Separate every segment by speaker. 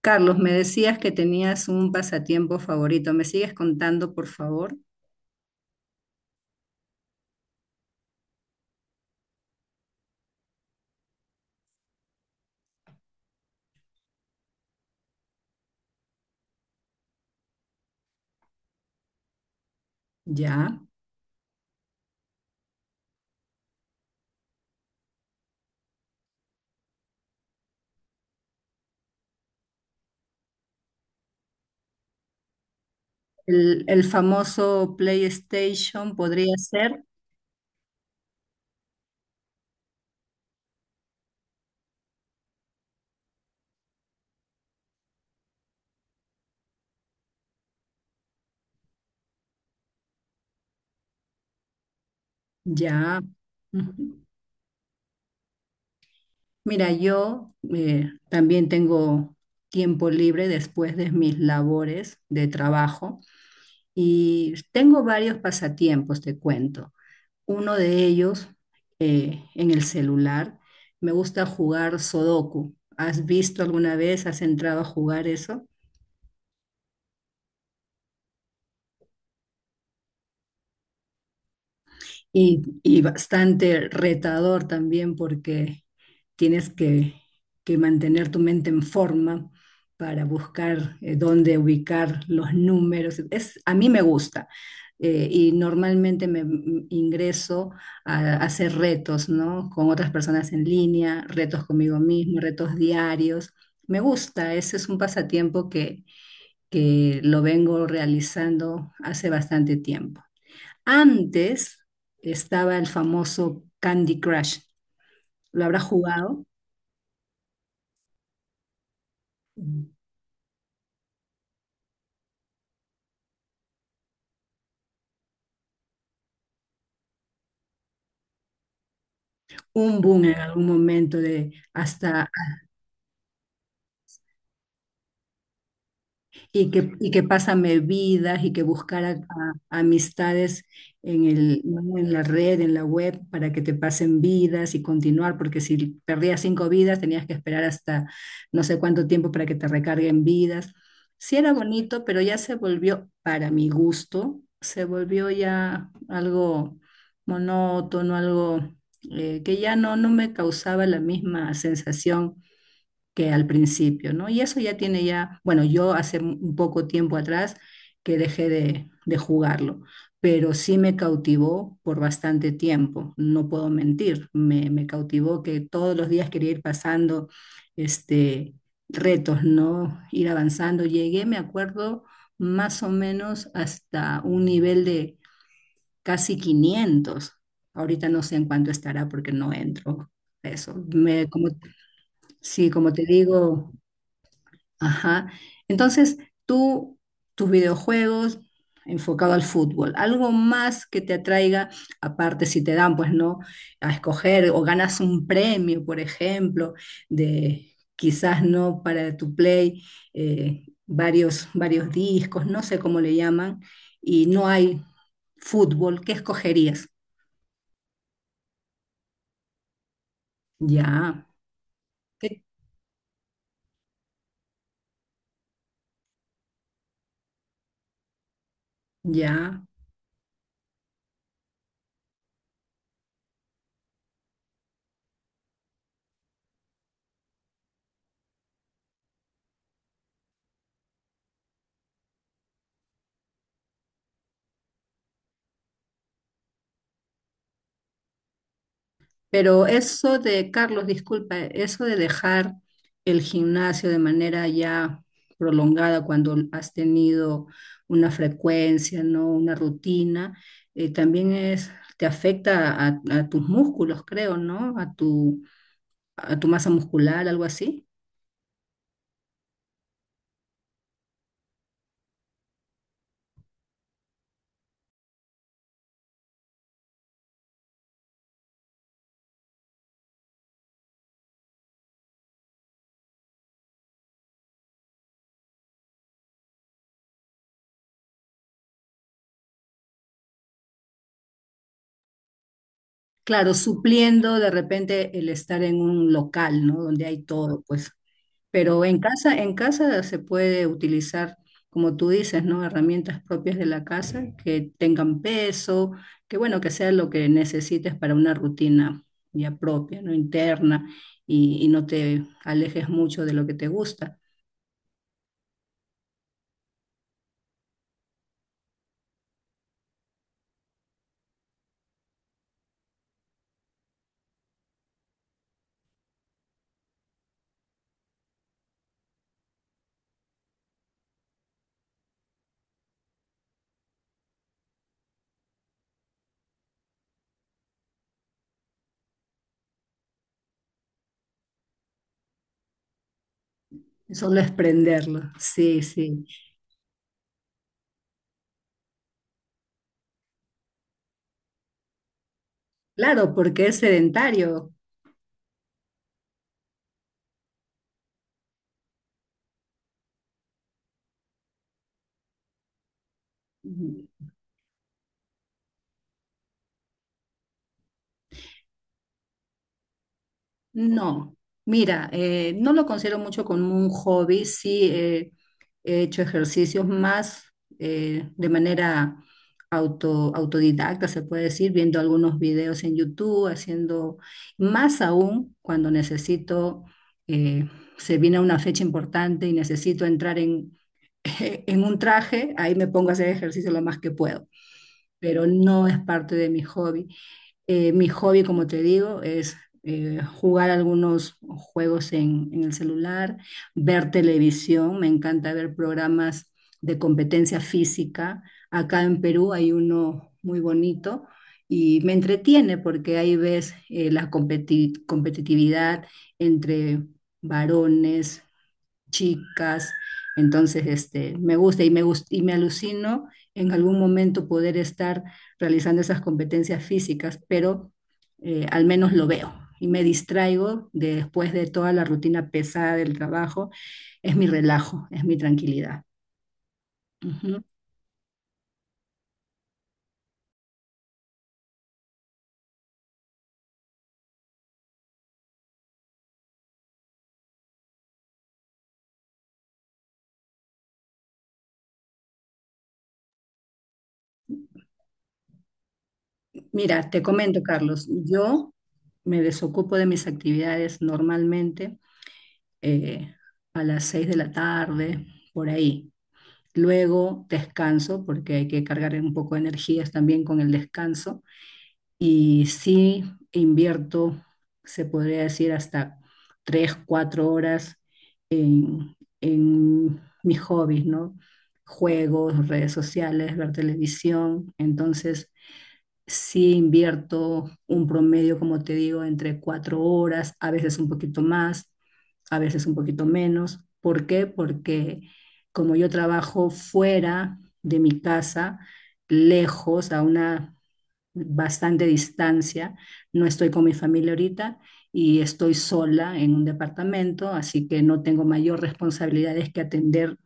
Speaker 1: Carlos, me decías que tenías un pasatiempo favorito. ¿Me sigues contando, por favor? Ya. El famoso PlayStation podría ser. Ya. Ujú. Mira, yo también tengo tiempo libre después de mis labores de trabajo y tengo varios pasatiempos, te cuento. Uno de ellos en el celular. Me gusta jugar Sudoku. ¿Has visto alguna vez? ¿Has entrado a jugar eso? Y bastante retador también porque tienes que mantener tu mente en forma para buscar dónde ubicar los números. Es, a mí me gusta y normalmente ingreso a hacer retos, ¿no? Con otras personas en línea, retos conmigo mismo, retos diarios. Me gusta, ese es un pasatiempo que lo vengo realizando hace bastante tiempo. Antes estaba el famoso Candy Crush. ¿Lo habrás jugado? Un boom en algún momento de hasta y que pásame vidas y que amistades en el, ¿no?, en la red, en la web, para que te pasen vidas y continuar, porque si perdías cinco vidas tenías que esperar hasta no sé cuánto tiempo para que te recarguen vidas. Sí era bonito, pero ya se volvió, para mi gusto, se volvió ya algo monótono, algo que ya no, no me causaba la misma sensación que al principio, ¿no? Y eso ya tiene ya, bueno, yo hace un poco tiempo atrás que dejé de jugarlo, pero sí me cautivó por bastante tiempo, no puedo mentir, me cautivó que todos los días quería ir pasando este, retos, ¿no? Ir avanzando. Llegué, me acuerdo, más o menos hasta un nivel de casi 500. Ahorita no sé en cuánto estará porque no entro. A eso, me, como, sí, como te digo. Ajá. Entonces, tú, tus videojuegos enfocado al fútbol, algo más que te atraiga, aparte si te dan, pues no, a escoger o ganas un premio, por ejemplo, de quizás no para tu play, varios discos, no sé cómo le llaman, y no hay fútbol, ¿qué escogerías? Ya, ¿qué, ya? Pero eso de, Carlos, disculpa, eso de dejar el gimnasio de manera ya prolongada cuando has tenido una frecuencia, ¿no? Una rutina, también es, te afecta a tus músculos, creo, ¿no? A tu masa muscular, algo así. Claro, supliendo de repente el estar en un local, ¿no? Donde hay todo, pues. Pero en casa se puede utilizar, como tú dices, ¿no? Herramientas propias de la casa que tengan peso, que bueno, que sea lo que necesites para una rutina ya propia, ¿no? Interna y no te alejes mucho de lo que te gusta. Solo es prenderlo. Sí, sí. Claro, porque es sedentario. No, mira, no lo considero mucho como un hobby, sí he hecho ejercicios más de manera autodidacta, se puede decir, viendo algunos videos en YouTube, haciendo más aún cuando necesito, eh, se viene una fecha importante y necesito entrar en, en un traje, ahí me pongo a hacer ejercicio lo más que puedo, pero no es parte de mi hobby. Mi hobby, como te digo, es jugar algunos juegos en el celular, ver televisión, me encanta ver programas de competencia física. Acá en Perú hay uno muy bonito y me entretiene porque ahí ves la competitividad entre varones, chicas. Entonces, este, me gusta y me alucino en algún momento poder estar realizando esas competencias físicas, pero al menos lo veo y me después de toda la rutina pesada del trabajo. Es mi relajo, es mi tranquilidad. Ujú. Mira, te comento, Carlos, yo me desocupo de mis actividades normalmente eh, a las 6 de la tarde, por ahí. Luego descanso, porque hay que cargar un poco de energías también con el descanso. Y sí invierto, se podría decir, hasta 3, 4 horas en, en mis hobbies, ¿no? Juegos, redes sociales, ver televisión. Entonces, sí invierto un promedio, como te digo, entre 4 horas, a veces un poquito más, a veces un poquito menos. ¿Por qué? Porque como yo trabajo fuera de mi casa, lejos, a una bastante distancia, no estoy con mi familia ahorita y estoy sola en un departamento, así que no tengo mayor responsabilidades que atender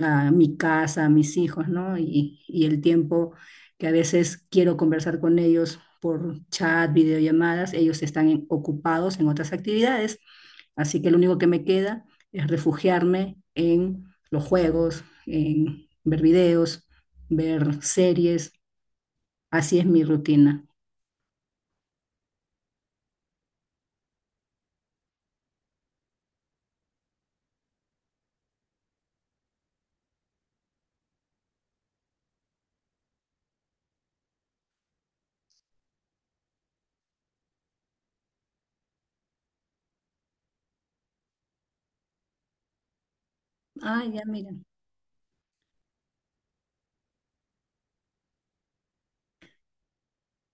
Speaker 1: a mi casa, a mis hijos, ¿no? Y el tiempo que a veces quiero conversar con ellos por chat, videollamadas, ellos ocupados en otras actividades, así que lo único que me queda es refugiarme en los juegos, en ver videos, ver series, así es mi rutina. Ah, ya mira.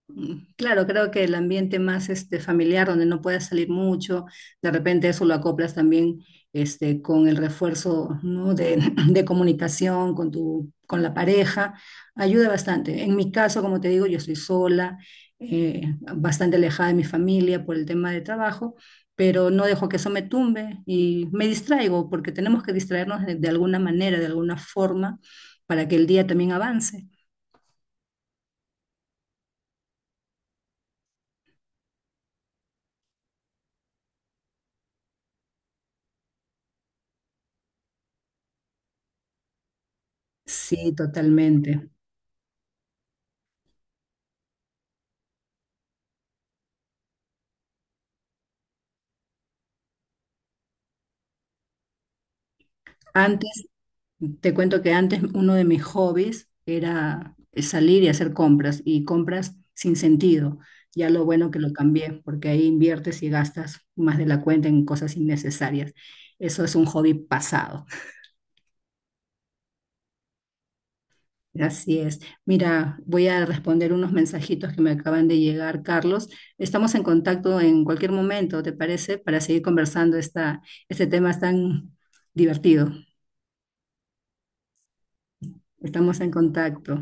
Speaker 1: Mm, claro, creo que el ambiente más este, familiar, donde no puedas salir mucho, de repente eso lo acoplas también este, con el refuerzo, ¿no? De, de comunicación con tu, con la pareja, ayuda bastante. En mi caso, como te digo, yo estoy sola, eh, bastante alejada de mi familia por el tema de trabajo, pero no dejo que eso me tumbe y me distraigo, porque tenemos que distraernos de alguna manera, de alguna forma, para que el día también avance. Sí, totalmente. Antes, te cuento que antes uno de mis hobbies era salir y hacer compras y compras sin sentido. Ya lo bueno que lo cambié porque ahí inviertes y gastas más de la cuenta en cosas innecesarias. Eso es un hobby pasado. Así es. Mira, voy a responder unos mensajitos que me acaban de llegar, Carlos. Estamos en contacto en cualquier momento, ¿te parece? Para seguir conversando este tema es tan divertido. Estamos en contacto.